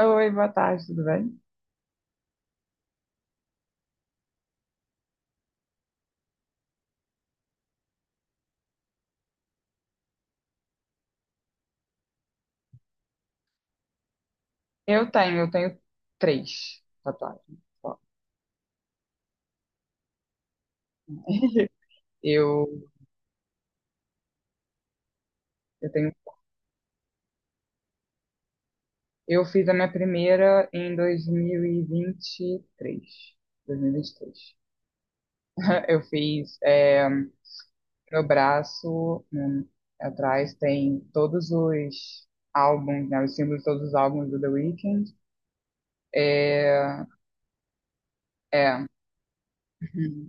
Oi, boa tarde, tudo bem? Eu tenho três tatuagens só. Eu, eu tenho, eu fiz a minha primeira em 2023. 2023. Eu fiz meu braço, atrás tem todos os álbuns, né? Os símbolos de todos os álbuns do The Weeknd. É, é,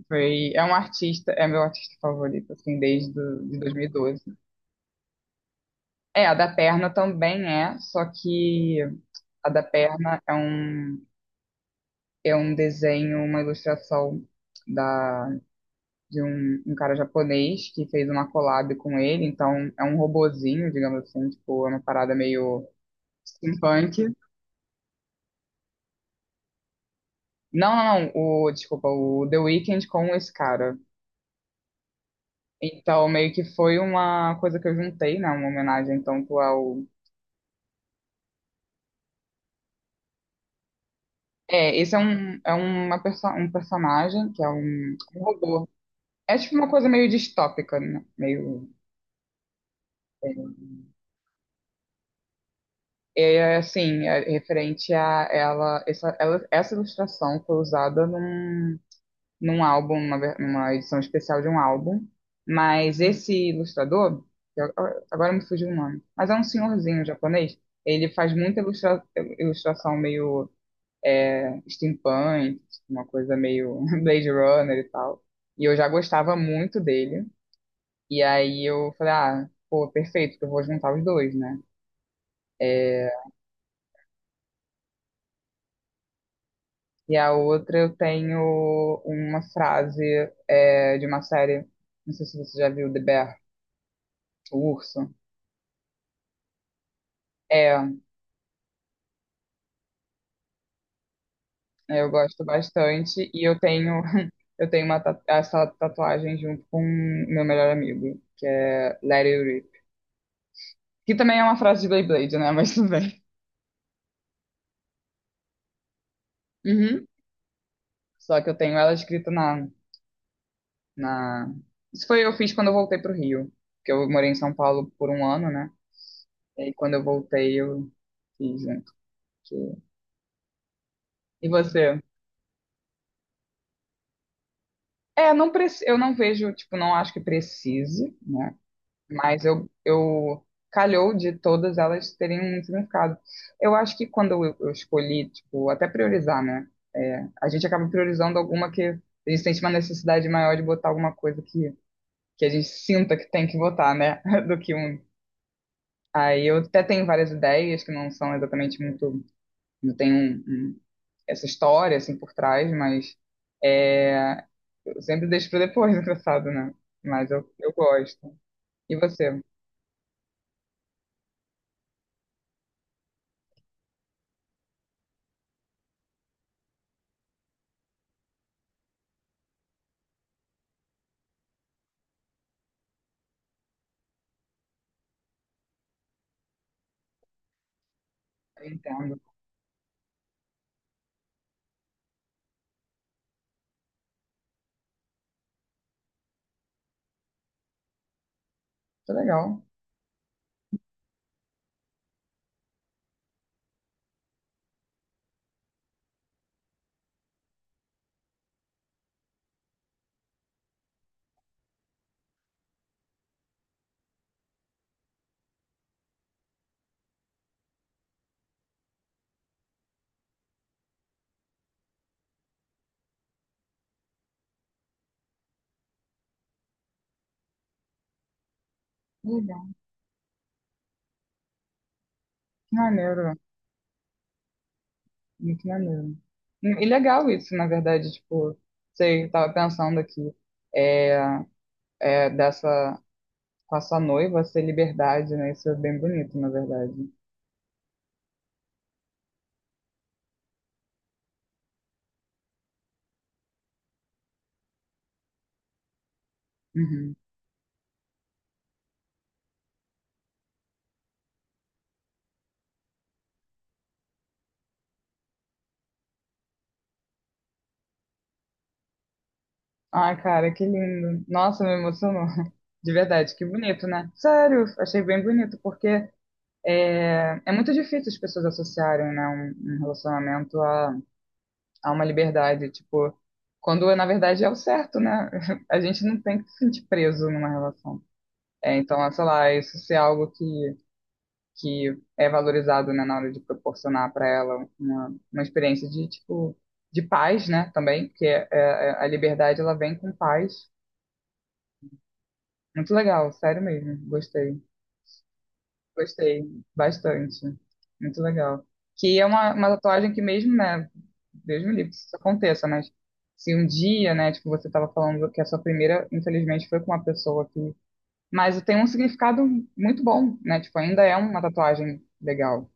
foi, é um artista, é meu artista favorito, assim, desde de 2012. É, a da perna também é, só que a da perna é é um desenho, uma ilustração da, de um cara japonês que fez uma collab com ele, então é um robozinho, digamos assim, tipo, é uma parada meio steampunk. Não, não, não, desculpa, o The Weeknd com esse cara. Então, meio que foi uma coisa que eu juntei, né, uma homenagem tanto ao... É, esse é um, é uma perso um personagem que é um robô. É tipo uma coisa meio distópica, né? Meio. É assim, é referente a ela. Essa ilustração foi usada num álbum, numa edição especial de um álbum. Mas esse ilustrador, que eu- agora me fugiu o nome, mas é um senhorzinho japonês. Ele faz muita ilustração meio steampunk, uma coisa meio Blade Runner e tal. E eu já gostava muito dele. E aí eu falei, ah, pô, perfeito, que eu vou juntar os dois, né? É, e a outra eu tenho uma frase de uma série, não sei se você já viu, The Bear, o Urso. É, eu gosto bastante e eu tenho eu tenho uma ta- essa tatuagem junto com meu melhor amigo, que é Let It Rip. Que também é uma frase de Beyblade, né? Mas tudo bem. Uhum. Só que eu tenho ela escrita na na... Isso foi, eu fiz quando eu voltei pro Rio, que eu morei em São Paulo por um ano, né? E aí, quando eu voltei, eu fiz junto. que- E você? É, não eu não vejo, tipo, não acho que precise, né? Mas eu calhou de todas elas terem um significado. Eu acho que quando eu escolhi, tipo, até priorizar, né? É, a gente acaba priorizando alguma que a gente sente uma necessidade maior de botar alguma coisa que a gente sinta que tem que botar, né? Do que um. Aí eu até tenho várias ideias que não são exatamente muito. Não tem essa história assim por trás, mas é, eu sempre deixo para depois, engraçado, né? Mas eu gosto. E você? Eu entendo. Tá legal. Que legal. Que maneiro. Muito maneiro. E legal isso, na verdade, tipo, você tava pensando aqui, é, dessa, com a sua noiva, ser liberdade, né? Isso é bem bonito, na verdade. Uhum. Ai, cara, que lindo. Nossa, me emocionou. De verdade, que bonito, né? Sério, achei bem bonito, porque muito difícil as pessoas associarem, né, um relacionamento a uma liberdade, tipo, quando na verdade é o certo, né? A gente não tem que se sentir preso numa relação. É, então, sei lá, isso ser algo que é valorizado, né, na hora de proporcionar para ela uma experiência de, tipo, de paz, né, também, porque a liberdade, ela vem com paz. Muito legal, sério mesmo. Gostei, gostei bastante. Muito legal. Que é uma tatuagem que mesmo, né? Deus me livre que isso aconteça, mas se um dia, né, tipo, você estava falando que a sua primeira, infelizmente, foi com uma pessoa que. Mas tem um significado muito bom, né? Tipo, ainda é uma tatuagem legal.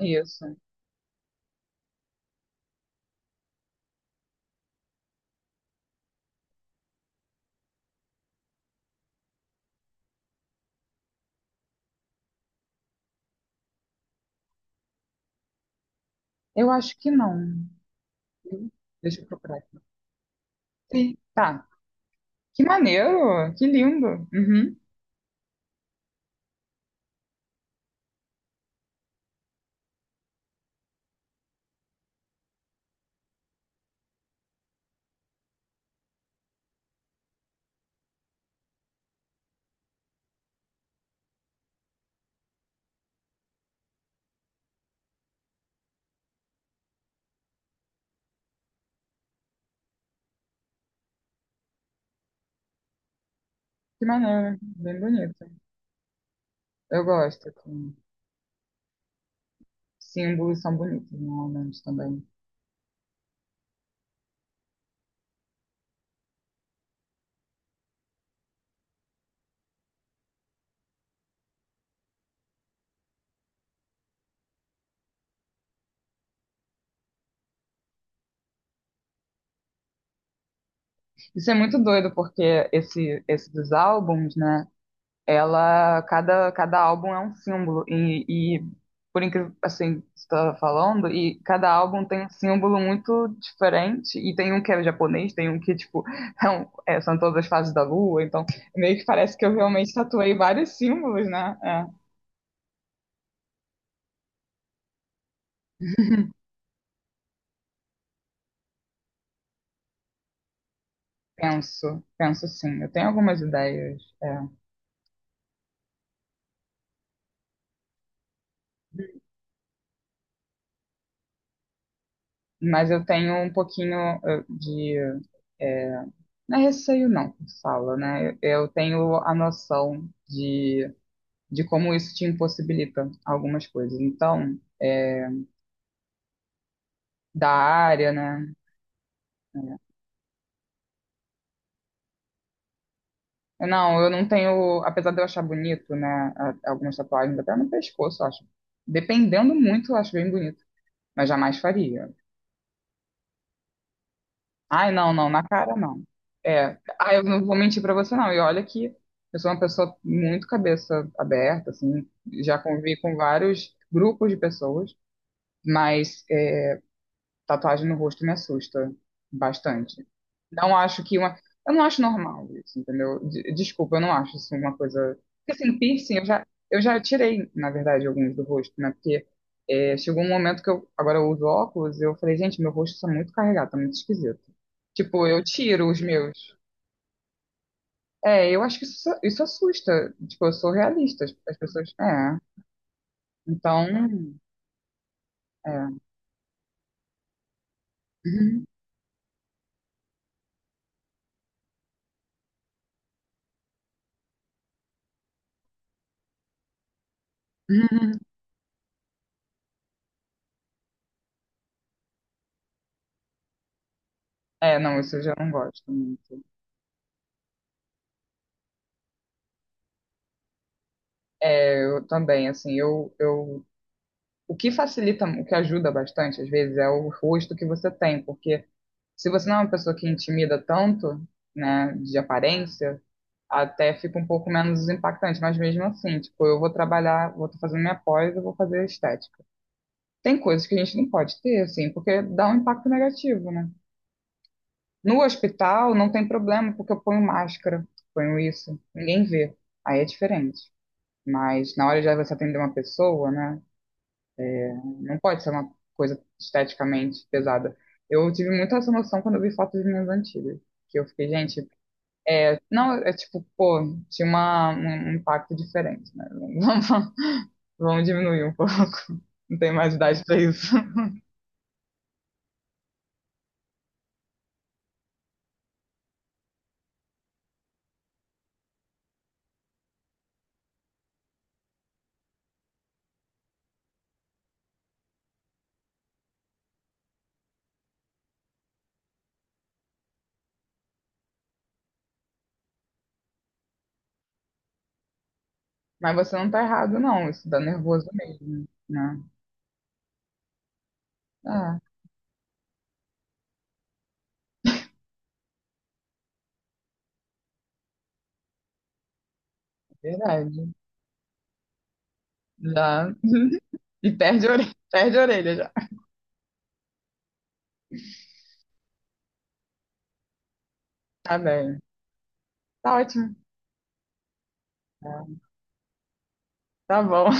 Isso. Eu acho que não. Deixa eu procurar aqui. Sim. Tá. Que maneiro! Que lindo! Uhum. Que maneiro. Bem bonito. Eu gosto. Assim, símbolos são bonitos normalmente também. Isso é muito doido porque esse dos álbuns, né? Ela cada álbum é um símbolo e por incrível assim que você está falando e cada álbum tem um símbolo muito diferente e tem um que é japonês, tem um que tipo são todas as fases da lua, então meio que parece que eu realmente tatuei vários símbolos, né? É, penso, penso sim. Eu tenho algumas ideias. É. Mas eu tenho um pouquinho de. eh, não é receio, não, que fala, né? Eu tenho a noção de como isso te impossibilita algumas coisas. Então, da área, né? É. Não, eu não tenho. Apesar de eu achar bonito, né? Algumas tatuagens, até no pescoço, eu acho. Dependendo muito, eu acho bem bonito, mas jamais faria. Ai, não, não, na cara não. É, ah, eu não vou mentir pra você não. E olha que eu sou uma pessoa muito cabeça aberta, assim, já convivi com vários grupos de pessoas, mas tatuagem no rosto me assusta bastante. Não acho que uma. Eu não acho normal isso, entendeu? Desculpa, eu não acho isso uma coisa. Porque assim, piercing, eu já tirei, na verdade, alguns do rosto, né? Porque chegou um momento que eu. Agora eu uso óculos e eu falei, gente, meu rosto está muito carregado, tá muito esquisito. Tipo, eu tiro os meus. É, eu acho que isso assusta. Tipo, eu sou realista. As pessoas. É. Então. É. É, não, isso eu já não gosto muito. É, eu também, assim, o que facilita, o que ajuda bastante, às vezes, é o rosto que você tem, porque se você não é uma pessoa que intimida tanto, né, de aparência, até fica um pouco menos impactante, mas mesmo assim, tipo, eu vou trabalhar, vou estar fazendo minha pós, eu vou fazer estética. Tem coisas que a gente não pode ter, assim, porque dá um impacto negativo, né? No hospital não tem problema, porque eu ponho máscara, ponho isso, ninguém vê, aí é diferente. Mas na hora de você atender uma pessoa, né? Não pode ser uma coisa esteticamente pesada. Eu tive muita essa noção quando eu vi fotos minhas antigas. Que eu fiquei, gente, não, é tipo, pô, tinha uma, um impacto diferente, né? Vamos, vamos diminuir um pouco. Não tem mais idade pra isso. Mas você não tá errado, não. Isso dá nervoso mesmo, né? Ah, é verdade. Já. E perde a orelha já. Tá bem. Tá ótimo. Tá bom.